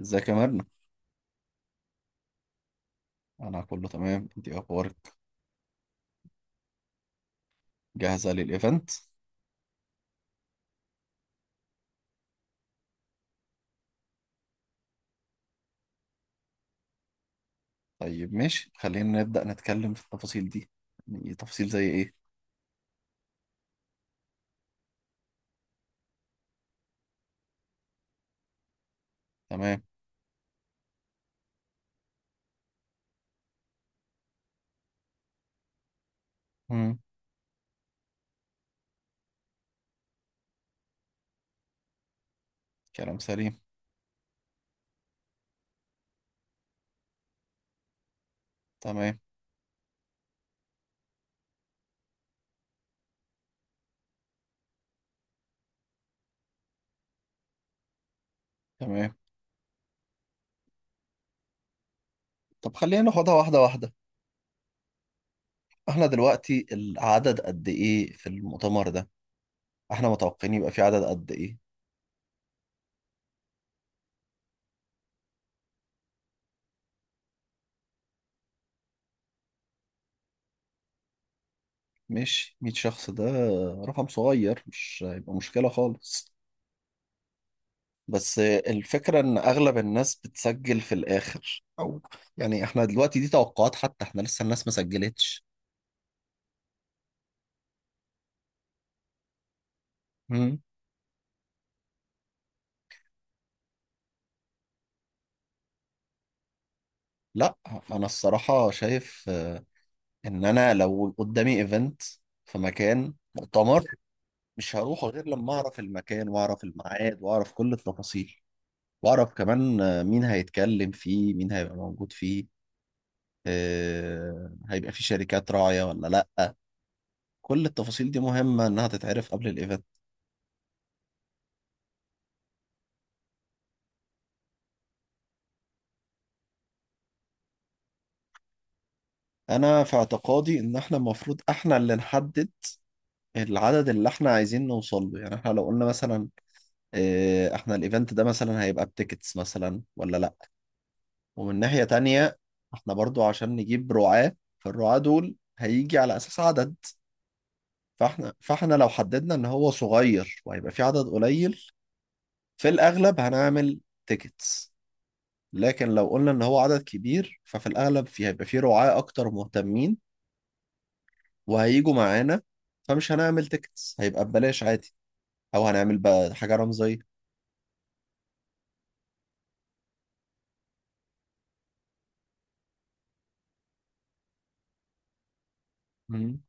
ازيك يا مرنة؟ أنا كله تمام، أنت إيه أخبارك؟ جاهزة للإيفنت؟ طيب ماشي، خلينا نبدأ نتكلم في التفاصيل دي، يعني تفاصيل زي إيه؟ تمام، مم. كلام سليم، تمام، تمام، طب خلينا ناخدها واحدة واحدة، إحنا دلوقتي العدد قد إيه في المؤتمر ده؟ إحنا متوقعين يبقى في عدد قد إيه؟ ماشي، 100 شخص ده رقم صغير، مش هيبقى مشكلة خالص. بس الفكرة إن أغلب الناس بتسجل في الآخر، أو يعني إحنا دلوقتي دي توقعات، حتى إحنا لسه الناس ما سجلتش. مم. لا، أنا الصراحة شايف إن أنا لو قدامي إيفنت في مكان مؤتمر، مش هروح غير لما أعرف المكان وأعرف الميعاد وأعرف كل التفاصيل، وأعرف كمان مين هيتكلم فيه، مين هيبقى موجود فيه، هيبقى في شركات راعية ولا لأ. كل التفاصيل دي مهمة إنها تتعرف قبل الإيفنت. انا في اعتقادي ان احنا المفروض احنا اللي نحدد العدد اللي احنا عايزين نوصل له، يعني احنا لو قلنا مثلا احنا الايفنت ده مثلا هيبقى بتيكتس مثلا ولا لا. ومن ناحية تانية، احنا برضو عشان نجيب رعاة فالرعاة دول هيجي على اساس عدد، فاحنا لو حددنا ان هو صغير وهيبقى في عدد قليل، في الاغلب هنعمل تيكتس. لكن لو قلنا ان هو عدد كبير، ففي الاغلب في هيبقى في رعاة اكتر مهتمين، وهيجوا معانا، فمش هنعمل تيكتس، هيبقى ببلاش عادي او هنعمل بقى حاجه رمزيه. مم.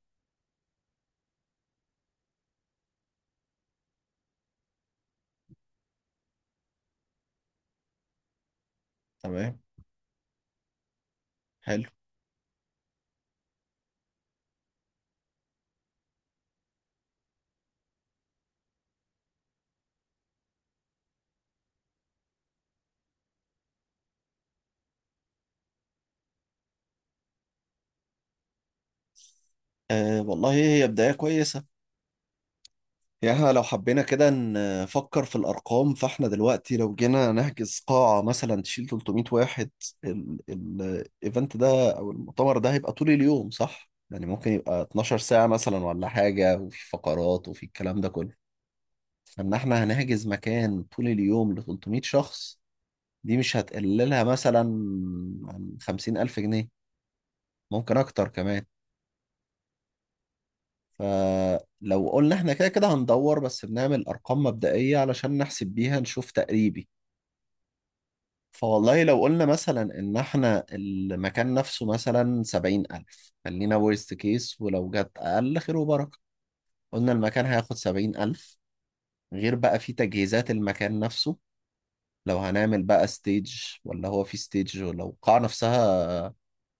تمام. حلو. آه والله هي بدايه كويسه. يعني إحنا لو حبينا كده نفكر في الارقام، فاحنا دلوقتي لو جينا نحجز قاعه مثلا تشيل 300 واحد، الايفنت ده او المؤتمر ده هيبقى طول اليوم صح، يعني ممكن يبقى 12 ساعه مثلا ولا حاجه، وفي فقرات وفي الكلام ده كله، فان احنا هنحجز مكان طول اليوم ل 300 شخص، دي مش هتقللها مثلا عن 50,000 جنيه، ممكن أكتر كمان. فلو قلنا إحنا كده كده هندور، بس بنعمل أرقام مبدئية علشان نحسب بيها نشوف تقريبي. فوالله لو قلنا مثلا إن إحنا المكان نفسه مثلا 70,000، خلينا ورست كيس، ولو جت أقل خير وبركة. قلنا المكان هياخد 70,000، غير بقى في تجهيزات المكان نفسه، لو هنعمل بقى ستيج ولا هو في ستيج، ولو القاعة نفسها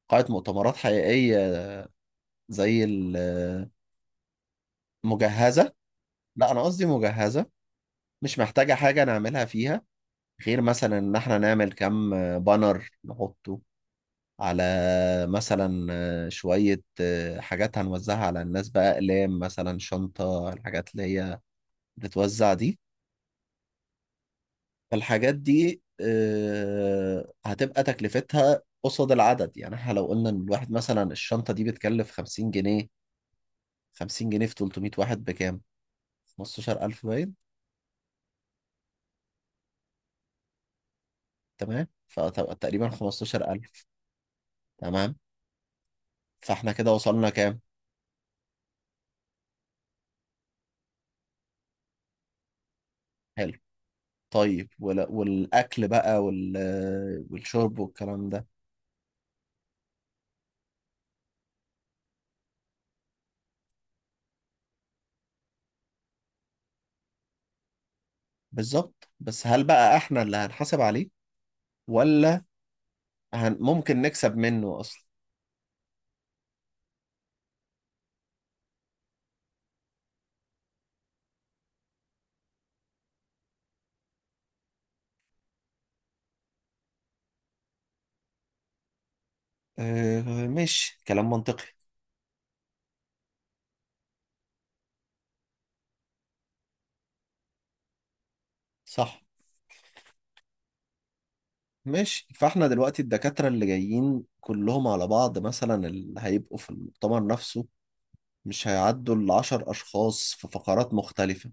قاعة مؤتمرات حقيقية زي المجهزة. لا، أنا قصدي مجهزة. مش محتاجة حاجة نعملها فيها، غير مثلا إن إحنا نعمل كام بانر نحطه على مثلا شوية حاجات هنوزعها على الناس بقى، أقلام مثلا، شنطة، الحاجات اللي هي بتتوزع دي. فالحاجات دي هتبقى تكلفتها قصاد العدد، يعني احنا لو قلنا ان الواحد مثلا الشنطة دي بتكلف 50 جنيه، 50 جنيه في 300 واحد بكام؟ 15,000 باين. تمام فتبقى تقريبا 15,000. تمام. فاحنا كده وصلنا كام؟ حلو. طيب والاكل بقى والشرب والكلام ده. بالظبط، بس هل بقى احنا اللي هنحاسب عليه ولا ممكن نكسب منه اصلا؟ أه ماشي كلام منطقي. صح. ماشي، فاحنا دلوقتي الدكاترة اللي جايين كلهم على بعض مثلا اللي هيبقوا في المؤتمر نفسه، مش هيعدوا العشر أشخاص في فقرات مختلفة.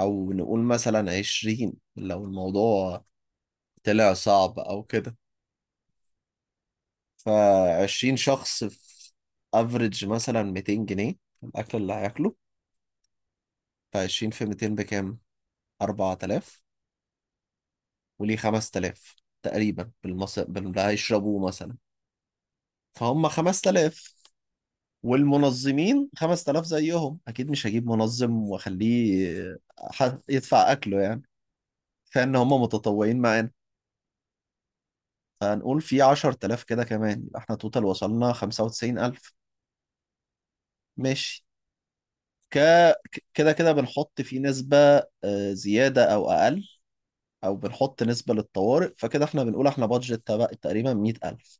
أو نقول مثلا عشرين لو الموضوع طلع صعب او كده. فعشرين شخص في افريج مثلا 200 جنيه الاكل اللي هياكله، فعشرين في 200 بكام؟ 4,000. وليه 5,000 تقريبا باللي هيشربوه مثلا، فهم 5,000، والمنظمين 5,000 زيهم اكيد، مش هجيب منظم واخليه حد يدفع اكله يعني، فان هم متطوعين معانا، فهنقول في 10,000 كده كمان، يبقى احنا توتال وصلنا 95,000. ماشي. ك كده كده بنحط فيه نسبة زيادة أو أقل، أو بنحط نسبة للطوارئ، فكده احنا بنقول احنا بادجت تقريبا 100,000.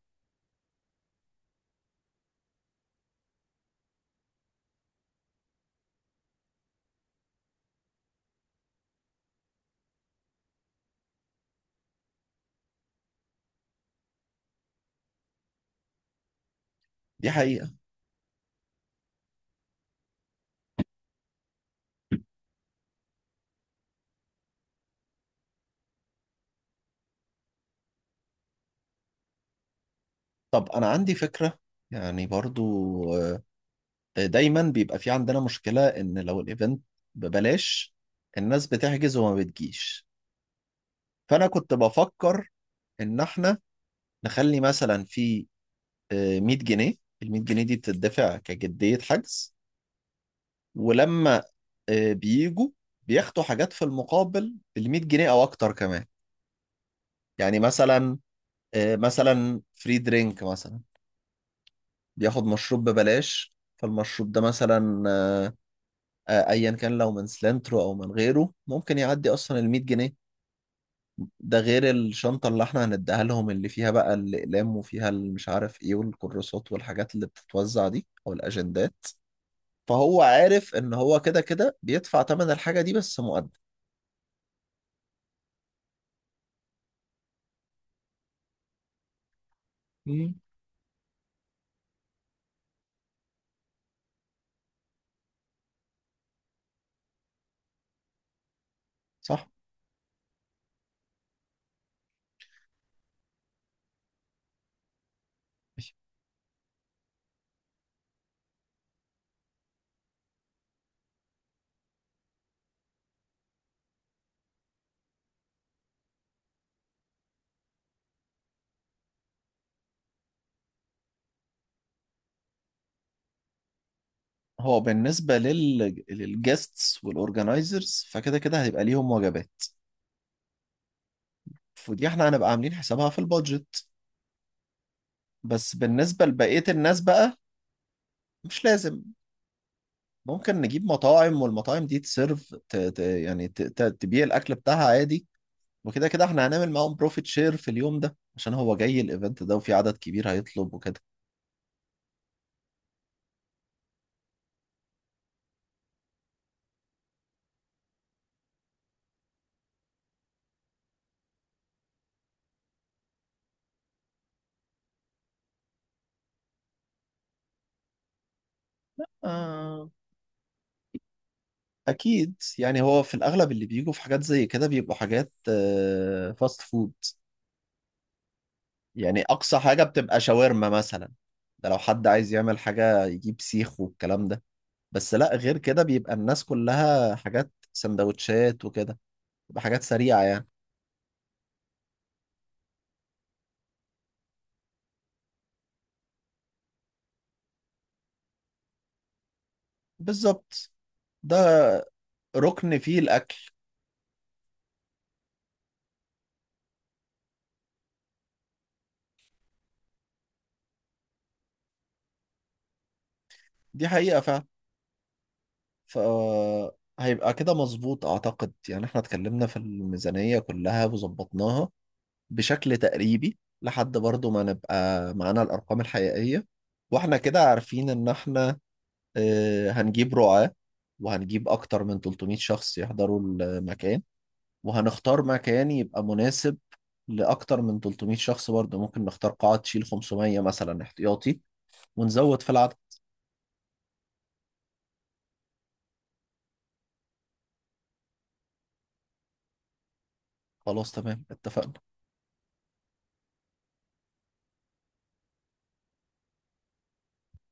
دي حقيقة. طب أنا عندي فكرة يعني برضو، آه، دايما بيبقى في عندنا مشكلة إن لو الإيفنت ببلاش الناس بتحجز وما بتجيش، فأنا كنت بفكر إن احنا نخلي مثلا في 100 جنيه، ال 100 جنيه دي بتدفع كجدية حجز. ولما بيجوا بياخدوا حاجات في المقابل بال 100 جنيه او اكتر كمان، يعني مثلا مثلا فري درينك مثلا، بياخد مشروب ببلاش. فالمشروب ده مثلا ايا كان لو من سلنترو او من غيره ممكن يعدي اصلا ال 100 جنيه، ده غير الشنطه اللي احنا هنديها لهم اللي فيها بقى الاقلام وفيها مش عارف ايه والكراسات والحاجات اللي بتتوزع دي او الاجندات، فهو عارف ان هو كده كده بيدفع ثمن الحاجه دي بس مقدم. مم. صح. هو بالنسبة للجيستس والأورجنايزرز، فكده كده هيبقى ليهم وجبات، فدي احنا هنبقى عاملين حسابها في البادجت. بس بالنسبة لبقية الناس بقى مش لازم، ممكن نجيب مطاعم والمطاعم دي تسيرف يعني تبيع الأكل بتاعها عادي، وكده كده احنا هنعمل معاهم بروفيت شير في اليوم ده عشان هو جاي الايفنت ده وفي عدد كبير هيطلب وكده. آه. أكيد، يعني هو في الأغلب اللي بيجوا في حاجات زي كده بيبقوا حاجات فاست فود. يعني اقصى حاجه بتبقى شاورما مثلا، ده لو حد عايز يعمل حاجه يجيب سيخ والكلام ده، بس لا غير كده بيبقى الناس كلها حاجات سندوتشات وكده، بتبقى حاجات سريعه يعني. بالظبط. ده ركن فيه الاكل. دي حقيقه فعلا. ف هيبقى كده مظبوط اعتقد، يعني احنا اتكلمنا في الميزانيه كلها وظبطناها بشكل تقريبي لحد برضو ما نبقى معانا الارقام الحقيقيه، واحنا كده عارفين ان احنا هنجيب رعاة وهنجيب أكتر من 300 شخص يحضروا المكان، وهنختار مكان يبقى مناسب لأكتر من 300 شخص برضه، ممكن نختار قاعة تشيل 500 مثلا احتياطي ونزود في العدد. خلاص تمام اتفقنا.